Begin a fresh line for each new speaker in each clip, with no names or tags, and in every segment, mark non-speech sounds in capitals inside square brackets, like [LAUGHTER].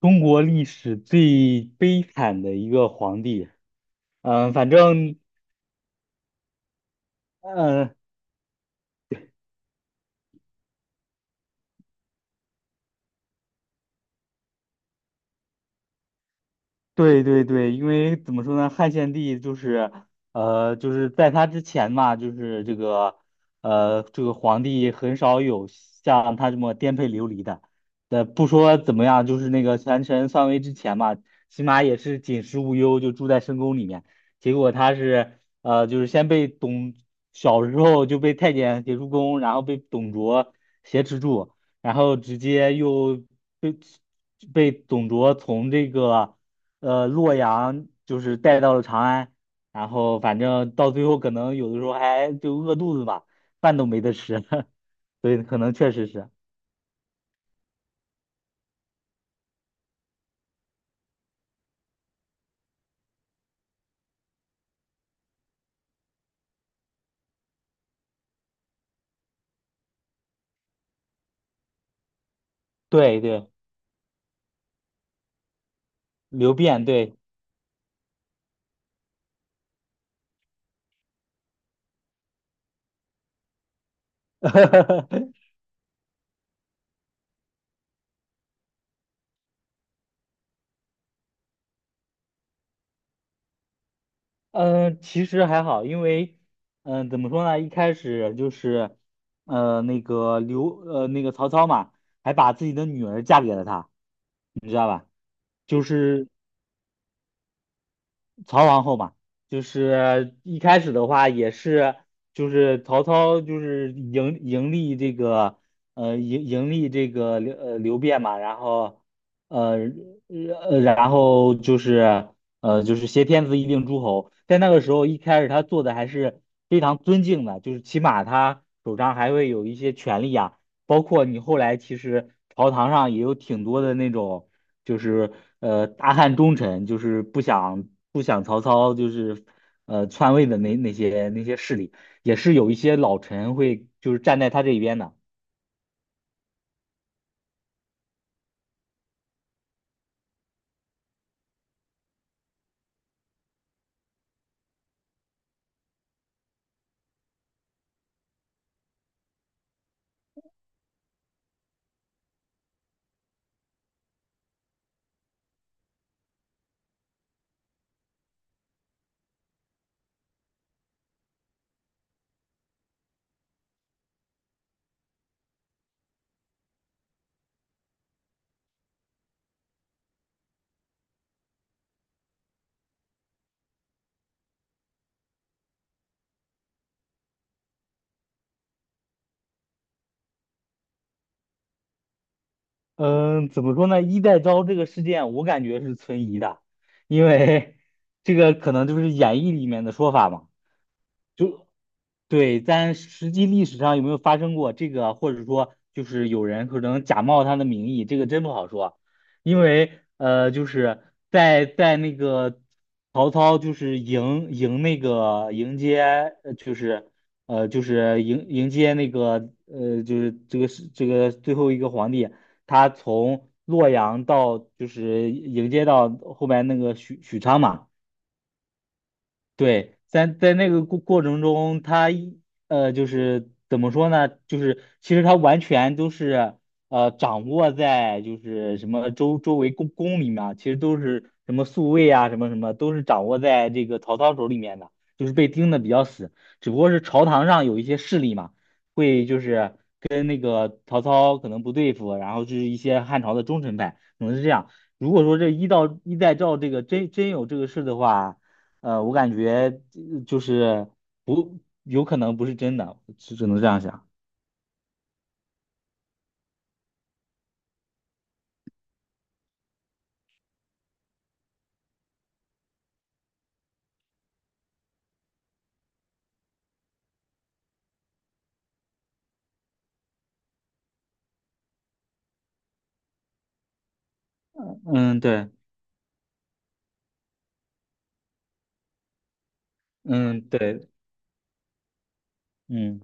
中国历史最悲惨的一个皇帝，反正，嗯，对对对。因为怎么说呢，汉献帝就是，就是在他之前嘛，就是这个，这个皇帝很少有像他这么颠沛流离的。不说怎么样，就是那个权臣篡位之前嘛，起码也是锦食无忧，就住在深宫里面。结果他是，呃，就是先被董，小时候就被太监劫出宫，然后被董卓挟持住，然后直接又被被董卓从这个。呃洛阳就是带到了长安。然后反正到最后可能有的时候还就饿肚子吧，饭都没得吃，[LAUGHS] 所以可能确实是，对对，流变对。嗯、其实还好，因为怎么说呢，一开始就是呃那个刘呃那个曹操嘛，还把自己的女儿嫁给了他，就是曹皇后嘛，就是一开始的话也是，就是曹操就是迎立这个呃迎迎立这个刘辩嘛，然后呃然后就是就是挟天子以令诸侯。在那个时候一开始他做的还是非常尊敬的，就是起码他手上还会有一些权力啊。包括你后来其实朝堂上也有挺多的那种，就是大汉忠臣，就是不想曹操就是篡位的那些势力，也是有一些老臣会就是站在他这一边的。嗯，怎么说呢？衣带诏这个事件，我感觉是存疑的，因为 [LAUGHS] 这个可能就是演义里面的说法嘛。就对，但实际历史上有没有发生过这个，或者说就是有人可能假冒他的名义，这个真不好说。因为就是在那个曹操就是迎那个迎接，就是就是迎接那个就是这个是这个最后一个皇帝，他从洛阳到就是迎接到后面那个许昌嘛。对，在那个过程中，他一就是怎么说呢？就是其实他完全都是掌握在就是什么周围宫里面啊，其实都是什么宿卫啊，什么什么都是掌握在这个曹操手里面的，就是被盯的比较死。只不过是朝堂上有一些势力嘛，会就是跟那个曹操可能不对付，然后就是一些汉朝的忠臣派，可能是这样。如果说这一到一代赵这个真有这个事的话。我感觉就是不有可能不是真的，只能这样想。嗯，对，嗯，对，嗯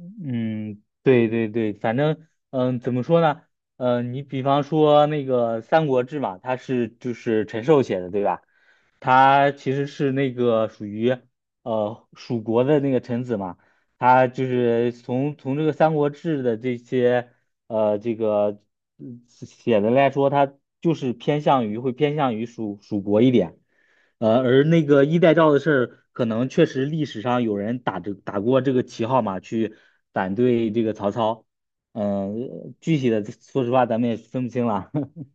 嗯，对对对。反正怎么说呢？你比方说那个《三国志》嘛，它是就是陈寿写的，对吧？他其实是那个属于蜀国的那个臣子嘛，他就是从这个《三国志》的这些这个嗯写的来说，他就是偏向于会偏向于蜀国一点。而那个衣带诏的事儿，可能确实历史上有人打过这个旗号嘛，去反对这个曹操。具体的说实话咱们也分不清了。[LAUGHS]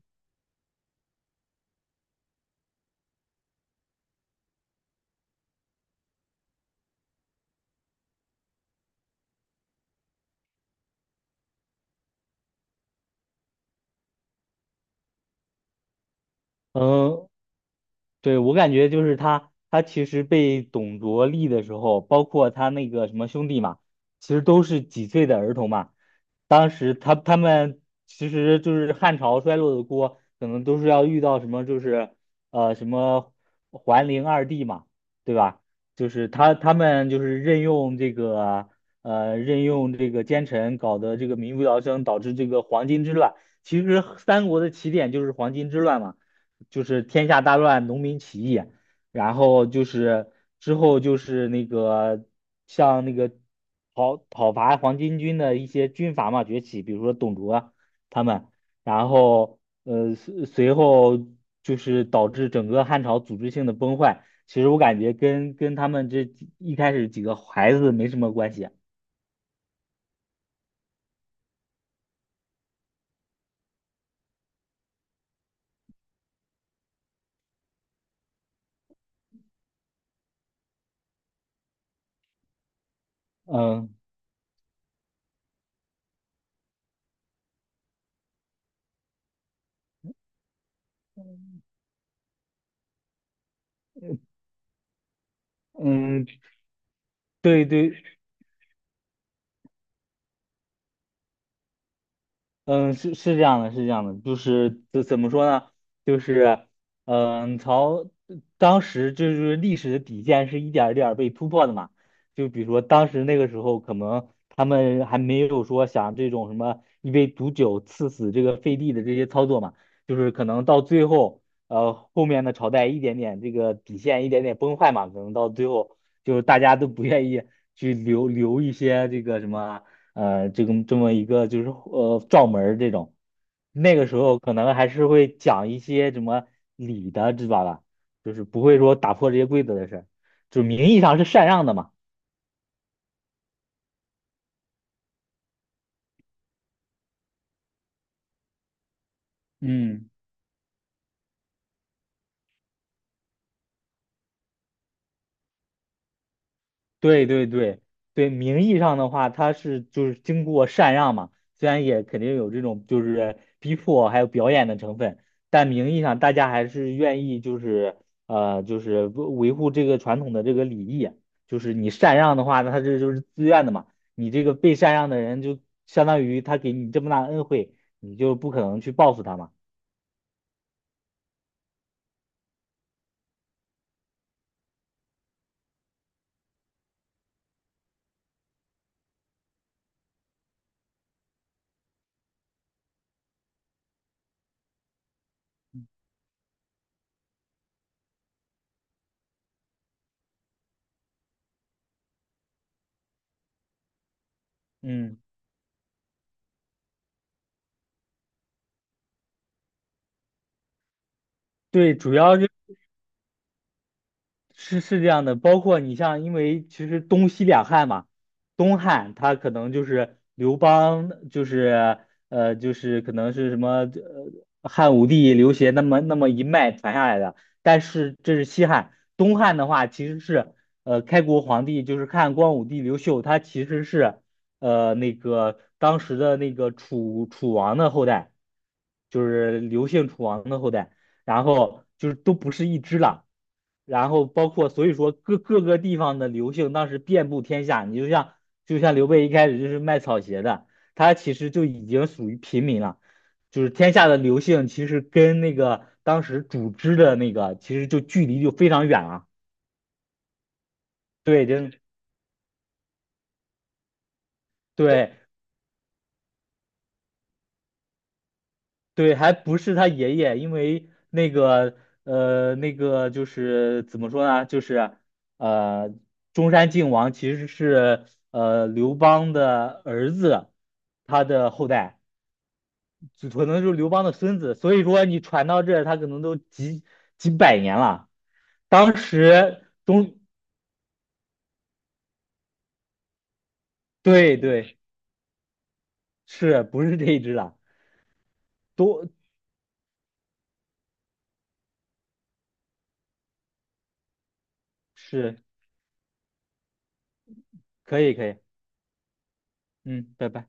嗯，对，我感觉就是他，他其实被董卓立的时候，包括他那个什么兄弟嘛，其实都是几岁的儿童嘛。当时他们其实就是汉朝衰落的锅，可能都是要遇到什么就是呃什么桓灵二帝嘛，对吧？就是他们就是任用这个呃任用这个奸臣，搞得这个民不聊生，导致这个黄巾之乱。其实三国的起点就是黄巾之乱嘛。就是天下大乱，农民起义，然后就是之后就是那个像那个讨伐黄巾军的一些军阀嘛崛起，比如说董卓他们。然后随后就是导致整个汉朝组织性的崩坏。其实我感觉跟他们这几一开始几个孩子没什么关系。嗯嗯，对对，嗯，是是这样的，是这样的，就是怎么说呢？就是，嗯，朝当时就是历史的底线是一点儿一点儿被突破的嘛。就比如说当时那个时候，可能他们还没有说想这种什么一杯毒酒赐死这个废帝的这些操作嘛，就是可能到最后，后面的朝代一点点这个底线一点点崩坏嘛，可能到最后就是大家都不愿意去留一些这个什么。这个这么一个就是撞门儿这种，那个时候可能还是会讲一些什么礼的，知道吧？就是不会说打破这些规则的事儿，就名义上是禅让的嘛。嗯。对对对对，名义上的话，他是就是经过禅让嘛，虽然也肯定有这种就是逼迫还有表演的成分，但名义上大家还是愿意就是就是维护这个传统的这个礼仪，就是你禅让的话，那他这就是自愿的嘛，你这个被禅让的人就相当于他给你这么大的恩惠，你就不可能去报复他嘛。嗯，对，主要是。是是这样的，包括你像，因为其实东西两汉嘛，东汉他可能就是刘邦，就是就是可能是什么汉武帝刘协那么一脉传下来的，但是这是西汉，东汉的话其实是开国皇帝就是汉光武帝刘秀，他其实是那个当时的那个楚王的后代，就是刘姓楚王的后代，然后就是都不是一支了。然后包括所以说各个地方的刘姓当时遍布天下，你就像刘备一开始就是卖草鞋的，他其实就已经属于平民了，就是天下的刘姓其实跟那个当时主织的那个其实就距离就非常远了。对，真对，对，对，还不是他爷爷，因为那个那个就是怎么说呢，就是呃，中山靖王其实是刘邦的儿子，他的后代，就可能就是刘邦的孙子。所以说你传到这儿，他可能都几百年了。当时中，对对，是不是这一只了？都是可以可以，嗯，拜拜。